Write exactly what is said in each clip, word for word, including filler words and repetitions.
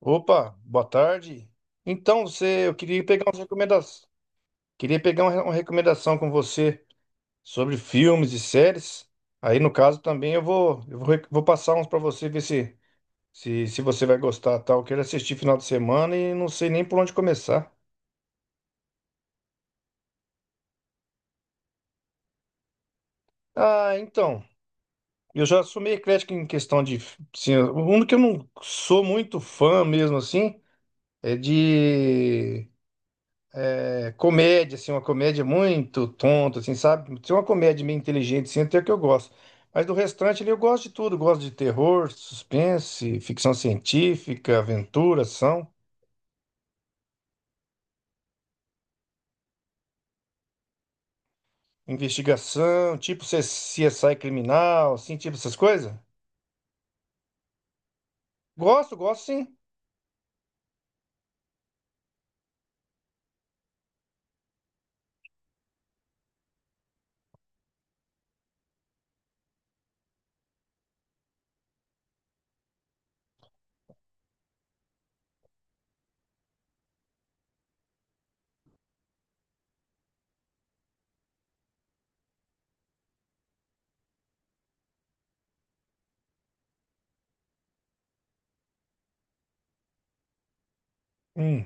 Opa, boa tarde. Então, você, eu queria pegar umas recomendações, queria pegar uma, uma recomendação com você sobre filmes e séries. Aí, no caso, também eu vou, eu vou, rec- vou passar uns para você ver se, se, se você vai gostar, tal. Eu quero assistir final de semana e não sei nem por onde começar. Ah, então, eu já sou meio eclético em questão de, assim, o único que eu não sou muito fã mesmo assim é de é, comédia, assim, uma comédia muito tonta, assim, sabe? Se é uma comédia meio inteligente, assim, até que eu gosto. Mas do restante ali eu gosto de tudo, gosto de terror, suspense, ficção científica, aventura, ação, investigação, tipo C- CSI criminal, assim, tipo essas coisas. Gosto, gosto sim. Hum,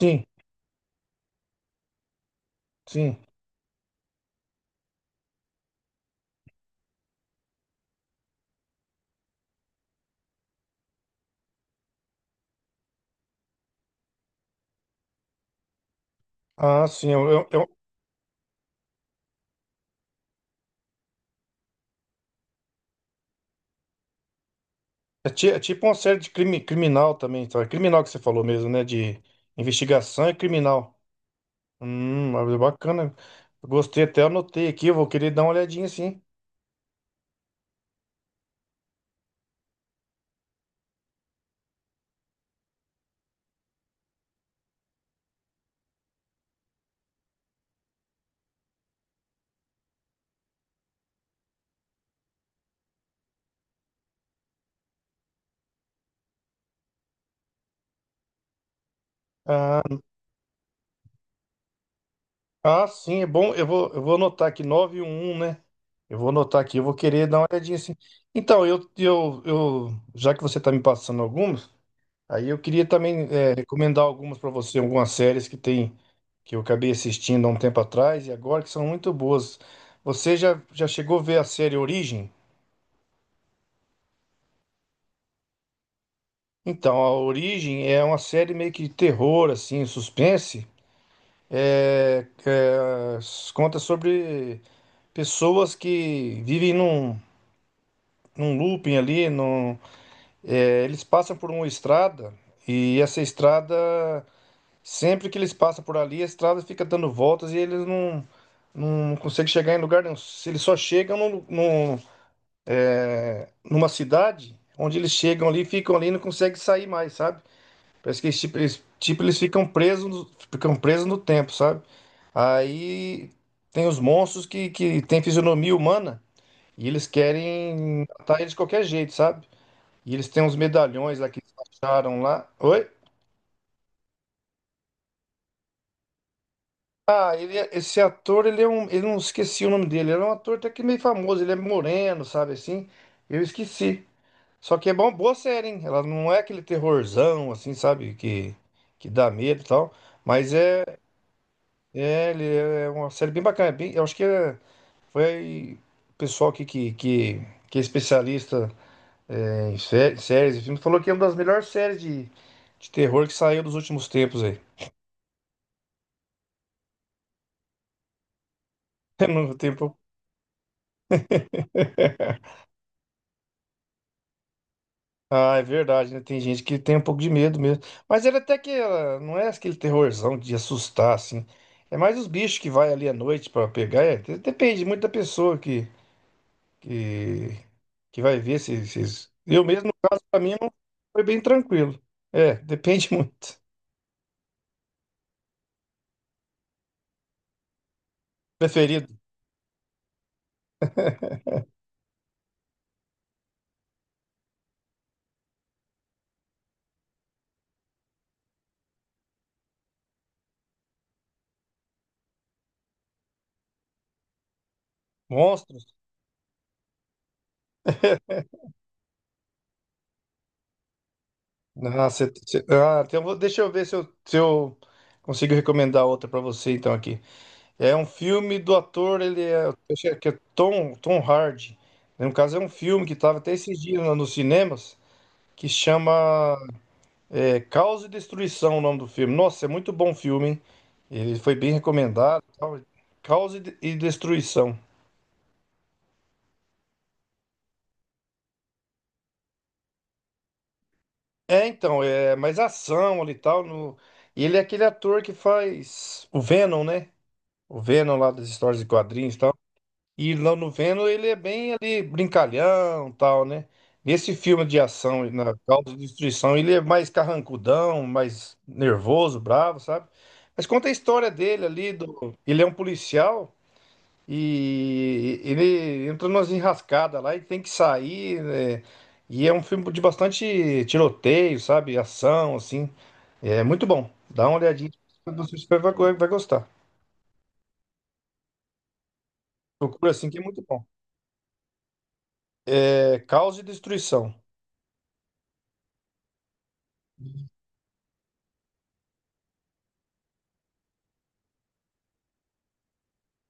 sim, sim. Ah, sim. Eu, eu- eu- é ti- é tipo uma série de crime, criminal também, tá? Criminal que você falou mesmo, né? De investigação e criminal. Hum, mas é bacana. Gostei até, anotei aqui, eu vou querer dar uma olhadinha sim. Ah, ah, sim, é bom. Eu vou, eu vou anotar aqui nove e um, né? Eu vou anotar aqui, eu vou querer dar uma olhadinha assim. Então, eu, eu, eu, já que você está me passando algumas, aí eu queria também é, recomendar algumas para você, algumas séries que tem que eu acabei assistindo há um tempo atrás e agora que são muito boas. Você já, já chegou a ver a série Origem? Então, a Origem é uma série meio que de terror, assim, suspense. É, é, conta sobre pessoas que vivem num, num looping ali, num, é, eles passam por uma estrada e essa estrada, sempre que eles passam por ali, a estrada fica dando voltas e eles não, não conseguem chegar em lugar nenhum. Se eles só chegam num, num- numa cidade onde eles chegam ali, ficam ali e não conseguem sair mais, sabe? Parece que eles, tipo, eles, tipo, eles ficam presos no, ficam presos no tempo, sabe? Aí tem os monstros que, que têm fisionomia humana e eles querem matar eles de qualquer jeito, sabe? E eles têm uns medalhões lá que eles acharam lá. Oi? Ah, ele, é- esse ator, ele é um. Eu não esqueci o nome dele. Ele é um ator até que meio famoso. Ele é moreno, sabe assim? Eu esqueci. Só que é bom, boa série, hein? Ela não é aquele terrorzão, assim, sabe? Que, que dá medo e tal. Mas é. É, ele é é uma série bem bacana. É bem- eu acho que é- Foi o pessoal aqui que, que, que é especialista é, em sé- séries e filmes, falou que é uma das melhores séries de, de terror que saiu dos últimos tempos aí. No tempo. Ah, é verdade, né? Tem gente que tem um pouco de medo mesmo. Mas ele até que ela não é aquele terrorzão de assustar, assim. É mais os bichos que vai ali à noite pra pegar. É, de- depende muito da pessoa que, que, que vai ver se esses. Eu mesmo, no caso, pra mim, não foi bem tranquilo. É, depende muito. Preferido? Monstros? Ah, cê- cê- ah, então vou- deixa eu ver se eu, se eu consigo recomendar outra pra você, então, aqui. É um filme do ator, ele é, eu acho que é Tom, Tom Hardy. No caso, é um filme que estava até esses dias no- nos cinemas, que chama é, Caos e Destruição, o nome do filme. Nossa, é muito bom filme, hein? Ele foi bem recomendado e tal. Caos e de- e Destruição. É, então, é mais ação ali e tal. No... E ele é aquele ator que faz o Venom, né? O Venom lá das histórias de quadrinhos e tal. E lá no Venom ele é bem ali brincalhão e tal, né? Nesse filme de ação, na Causa de Destruição, ele é mais carrancudão, mais nervoso, bravo, sabe? Mas conta a história dele ali, do... ele é um policial. E ele entra numas enrascadas lá e tem que sair, né? E é um filme de bastante tiroteio, sabe? Ação, assim. É muito bom. Dá uma olhadinha, você vai, vai vai gostar. Procura, assim que é muito bom. É Caos e Destruição.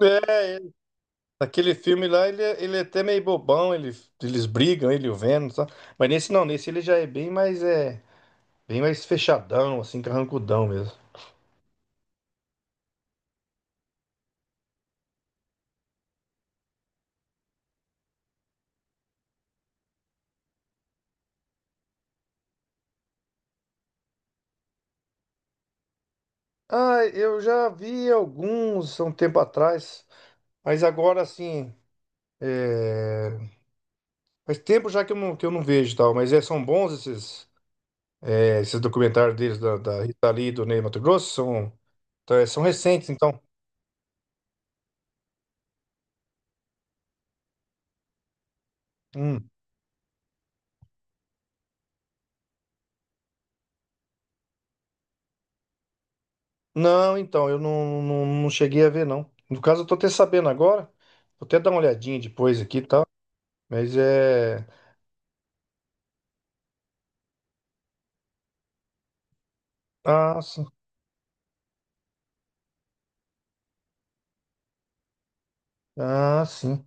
É, aquele filme lá, ele, é- ele é até meio bobão, ele, eles brigam, ele e o Venom, sabe? Mas nesse não, nesse ele já é bem mais, é, bem mais fechadão, assim, carrancudão mesmo. Ah, eu já vi alguns há um tempo atrás, mas agora, assim, é, faz tempo já que eu não, que eu não vejo e tal, mas é, são bons esses, é, esses documentários deles da, da Rita Lee e do Ney Matogrosso? São, tá, é, são recentes, então. Hum. Não, então, eu não, não, não cheguei a ver, não. No caso, eu tô até sabendo agora. Vou até dar uma olhadinha depois aqui e tal. Mas é. Ah, sim. Ah, sim.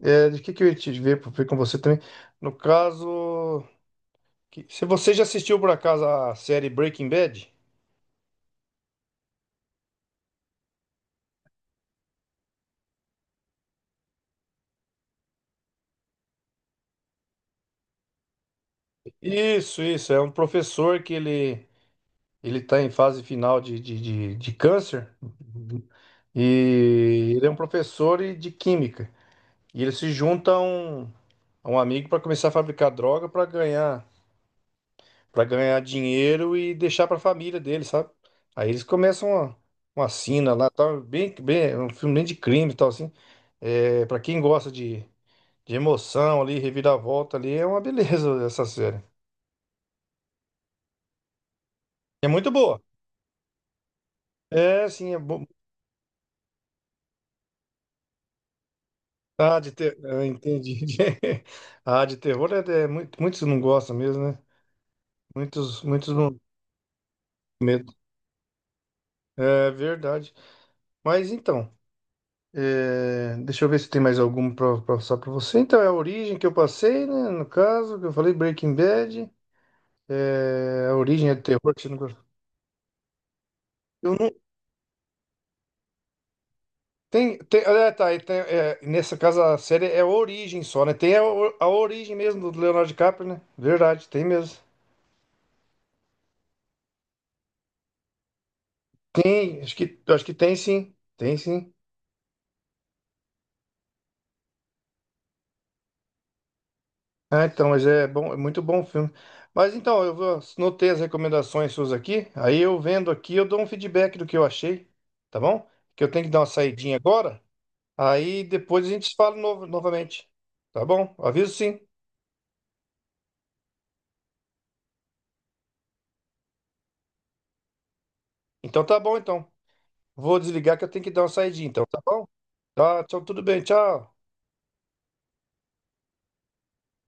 É, de que que eu ia te ver, ver com você também? No caso. Que- Se você já assistiu por acaso a série Breaking Bad? Isso, isso. É um professor que ele. Ele está em fase final de, de, de, de câncer e ele é um professor e- de química. E ele se junta a um, a um amigo para começar a fabricar droga para ganhar, para ganhar dinheiro e deixar para a família dele, sabe? Aí eles começam uma, uma sina lá, tal, bem, bem, um filme bem de crime e tal, assim. É, para quem gosta de, de emoção ali, reviravolta ali, é uma beleza essa série. É muito boa. É, sim, é bo- ah, de ter... eu entendi. Ah, de terror é, é muito- muitos não gostam mesmo, né? Muitos, muitos não têm medo. É verdade. Mas então, é, deixa eu ver se tem mais algum para passar para você. Então, é a origem que eu passei, né? No caso, que eu falei Breaking Bad. É, a origem é de terror que você não gosta. Eu não. Tem, tem, ah, tá, e tem, é, nessa casa a série é a origem só, né? Tem a, o- a origem mesmo do Leonardo DiCaprio, né? Verdade, tem mesmo. Tem, acho que, acho que tem sim. Tem sim. Ah, então, mas é bom, é muito bom o filme. Mas então, eu vou, notei as recomendações suas aqui, aí eu vendo aqui, eu dou um feedback do que eu achei, tá bom? Que eu tenho que dar uma saidinha agora, aí depois a gente se fala novo, novamente, tá bom? Aviso sim. Então tá bom, então. Vou desligar que eu tenho que dar uma saidinha, então, tá bom? Tá, tchau, tudo bem, tchau.